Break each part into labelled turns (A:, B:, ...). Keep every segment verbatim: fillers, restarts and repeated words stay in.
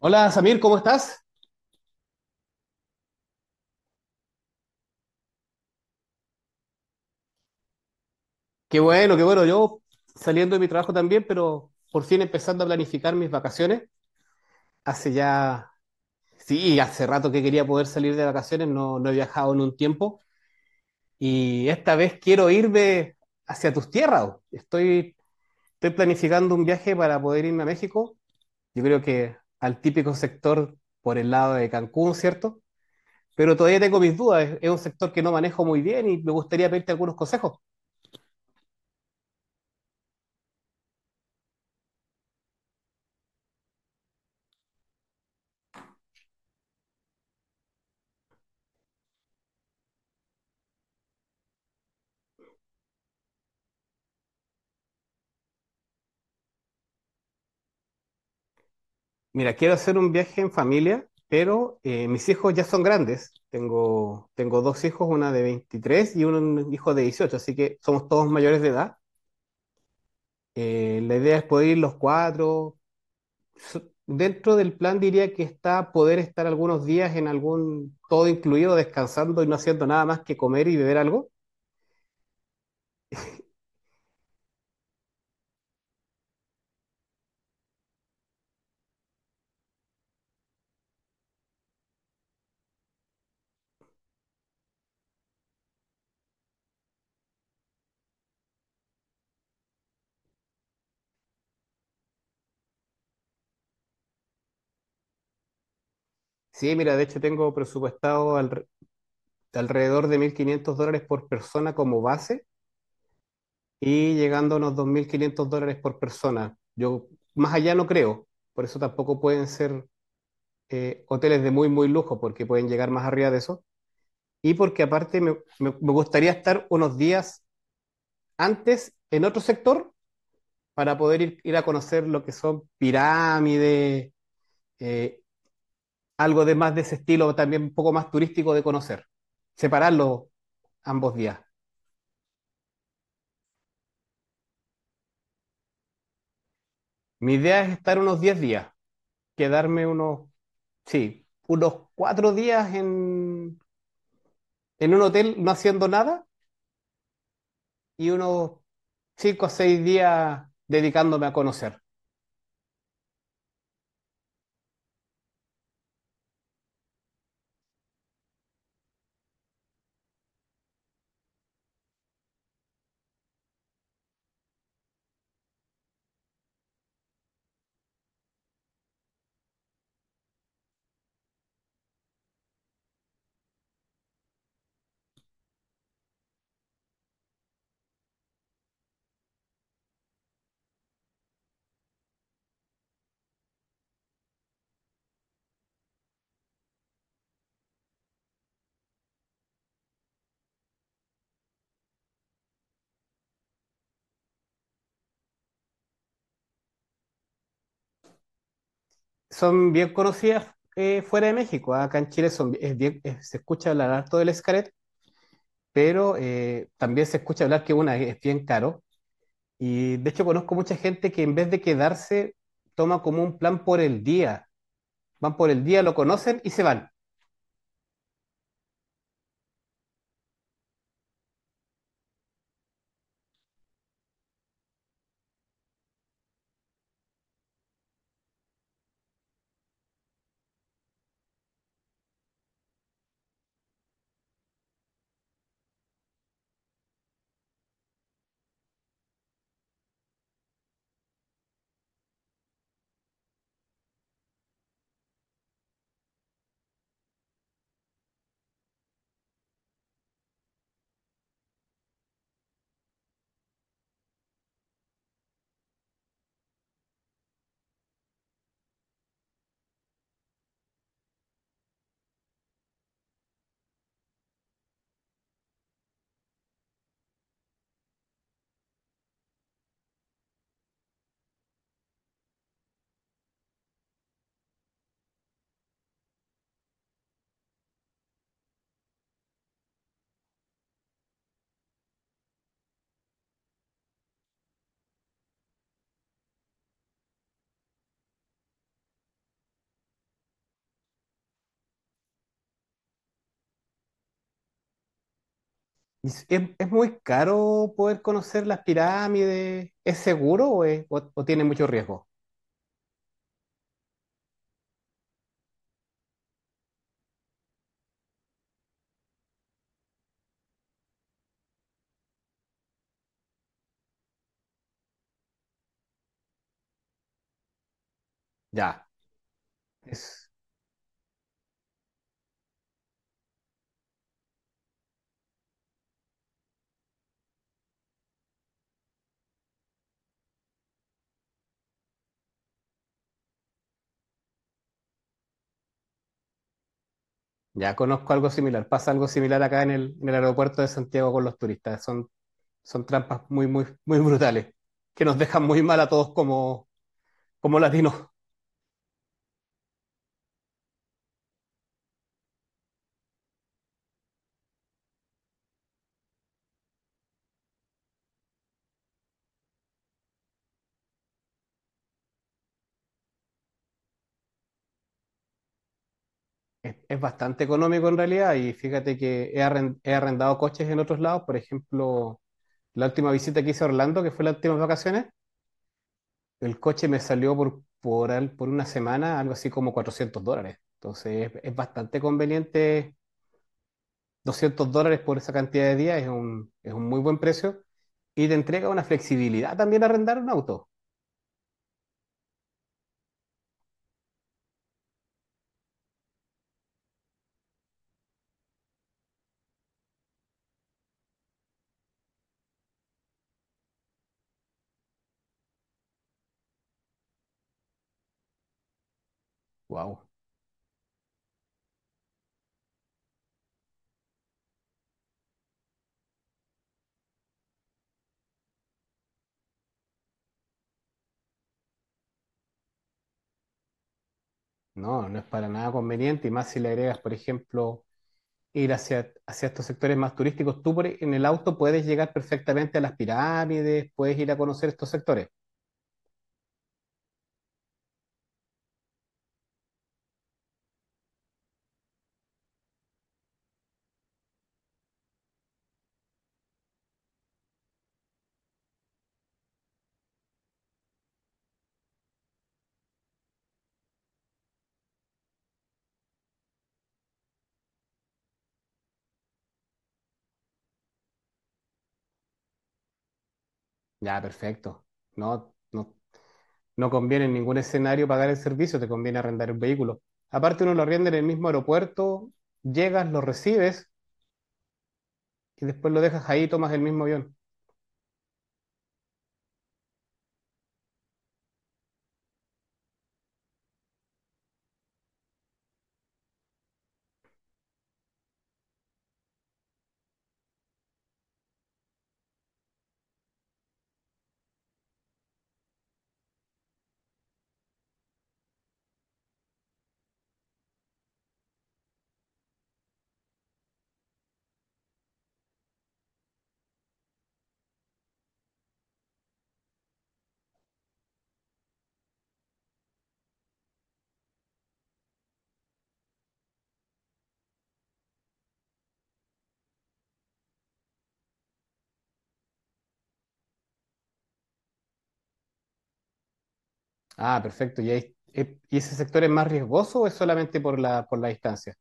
A: Hola Samir, ¿cómo estás? Qué bueno, qué bueno. Yo saliendo de mi trabajo también, pero por fin empezando a planificar mis vacaciones. Hace ya, sí, hace rato que quería poder salir de vacaciones, no, no he viajado en un tiempo y esta vez quiero irme hacia tus tierras. Estoy, estoy planificando un viaje para poder irme a México. Yo creo que al típico sector por el lado de Cancún, ¿cierto? Pero todavía tengo mis dudas. Es, es un sector que no manejo muy bien y me gustaría pedirte algunos consejos. Mira, quiero hacer un viaje en familia, pero eh, mis hijos ya son grandes. Tengo, tengo dos hijos, una de veintitrés y un hijo de dieciocho, así que somos todos mayores de edad. Eh, la idea es poder ir los cuatro. So- Dentro del plan diría que está poder estar algunos días en algún todo incluido, descansando y no haciendo nada más que comer y beber algo. Sí, mira, de hecho tengo presupuestado al- alrededor de mil quinientos dólares por persona como base y llegando a unos dos mil quinientos dólares por persona. Yo más allá no creo, por eso tampoco pueden ser eh, hoteles de muy, muy lujo, porque pueden llegar más arriba de eso. Y porque aparte me, me- me gustaría estar unos días antes en otro sector para poder ir, ir a conocer lo que son pirámides, eh, algo de más de ese estilo, también un poco más turístico de conocer. Separarlo ambos días. Mi idea es estar unos diez días, quedarme unos sí, unos cuatro días en, en un hotel no haciendo nada y unos cinco o seis días dedicándome a conocer. Son bien conocidas eh, fuera de México. Acá en Chile son, es bien- es- se escucha hablar harto del Xcaret, pero eh, también se escucha hablar que una es bien caro. Y de hecho conozco mucha gente que en vez de quedarse, toma como un plan por el día. Van por el día, lo conocen y se van. Y s- ¿Es, es muy caro poder conocer las pirámides? ¿Es seguro o, es- o- o tiene mucho riesgo? Ya, es, ya conozco algo similar. Pasa algo similar acá en el, en el aeropuerto de Santiago con los turistas. Son, son trampas muy, muy, muy brutales que nos dejan muy mal a todos como, como latinos. Es, es bastante económico en realidad y fíjate que he, arren- he arrendado coches en otros lados. Por ejemplo, la última visita que hice a Orlando, que fue las últimas vacaciones, el coche me salió por, por, al- por una semana algo así como cuatrocientos dólares. Entonces es, es bastante conveniente. Doscientos dólares por esa cantidad de días es un, es un muy buen precio. Y te entrega una flexibilidad también arrendar un auto. Wow. No, no es para nada conveniente. Y más si le agregas, por ejemplo, ir hacia, hacia estos sectores más turísticos. Tú por- en el auto puedes llegar perfectamente a las pirámides, puedes ir a conocer estos sectores. Ya, perfecto. No, no, no conviene en ningún escenario pagar el servicio, te conviene arrendar el vehículo. Aparte, uno lo arrienda en el mismo aeropuerto, llegas, lo recibes y después lo dejas ahí y tomas el mismo avión. Ah, perfecto. ¿Y, ahí- eh, ¿y ese sector es más riesgoso o es solamente por la, por la distancia?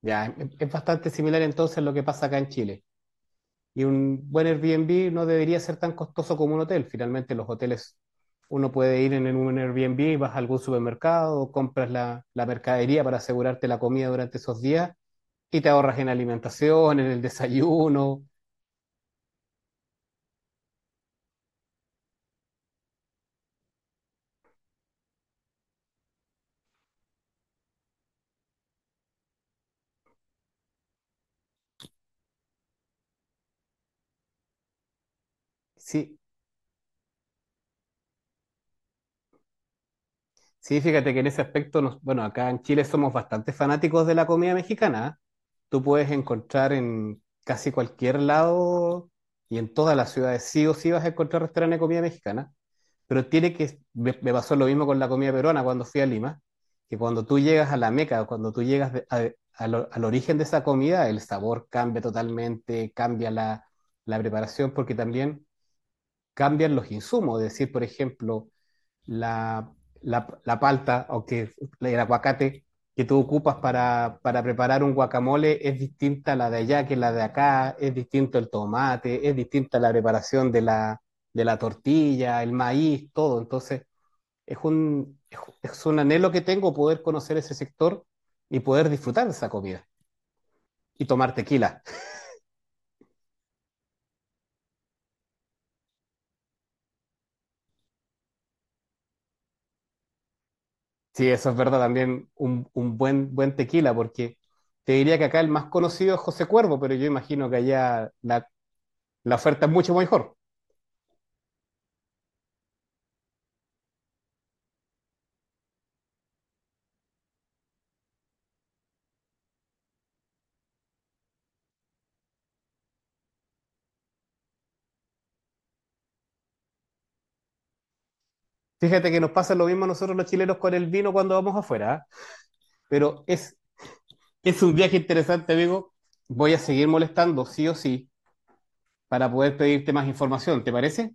A: Ya, es, es bastante similar entonces a lo que pasa acá en Chile. Y un buen Airbnb no debería ser tan costoso como un hotel. Finalmente, los hoteles, uno puede ir en en un Airbnb, vas a algún supermercado, compras la, la mercadería para asegurarte la comida durante esos días y te ahorras en alimentación, en el desayuno. Sí, sí, fíjate que en ese aspecto, nos, bueno, acá en Chile somos bastante fanáticos de la comida mexicana. Tú puedes encontrar en casi cualquier lado y en todas las ciudades sí o sí vas a encontrar restaurantes de comida mexicana. Pero tiene que, me, me pasó lo mismo con la comida peruana cuando fui a Lima, que cuando tú llegas a la Meca, cuando tú llegas de- a- a lo- al origen de esa comida, el sabor cambia totalmente, cambia la, la preparación, porque también cambian los insumos, es decir, por ejemplo, la, la, la palta, aunque el aguacate que tú ocupas para, para, preparar un guacamole es distinta a la de allá que la de acá, es distinto el tomate, es distinta la preparación de la, de la tortilla, el maíz, todo. Entonces, es un, es un anhelo que tengo poder conocer ese sector y poder disfrutar de esa comida y tomar tequila. Sí, eso es verdad, también un, un buen, buen tequila, porque te diría que acá el más conocido es José Cuervo, pero yo imagino que allá la, la oferta es mucho mejor. Fíjate que nos pasa lo mismo a nosotros los chilenos con el vino cuando vamos afuera, ¿ah? Pero es, es un viaje interesante, amigo. Voy a seguir molestando, sí o sí, para poder pedirte más información, ¿te parece?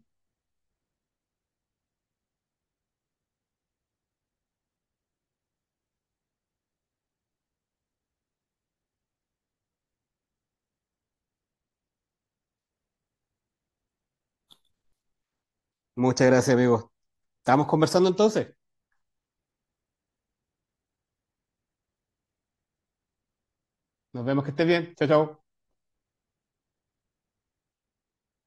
A: Muchas gracias, amigo. Estamos conversando entonces. Nos vemos que estés bien. Chao, chao.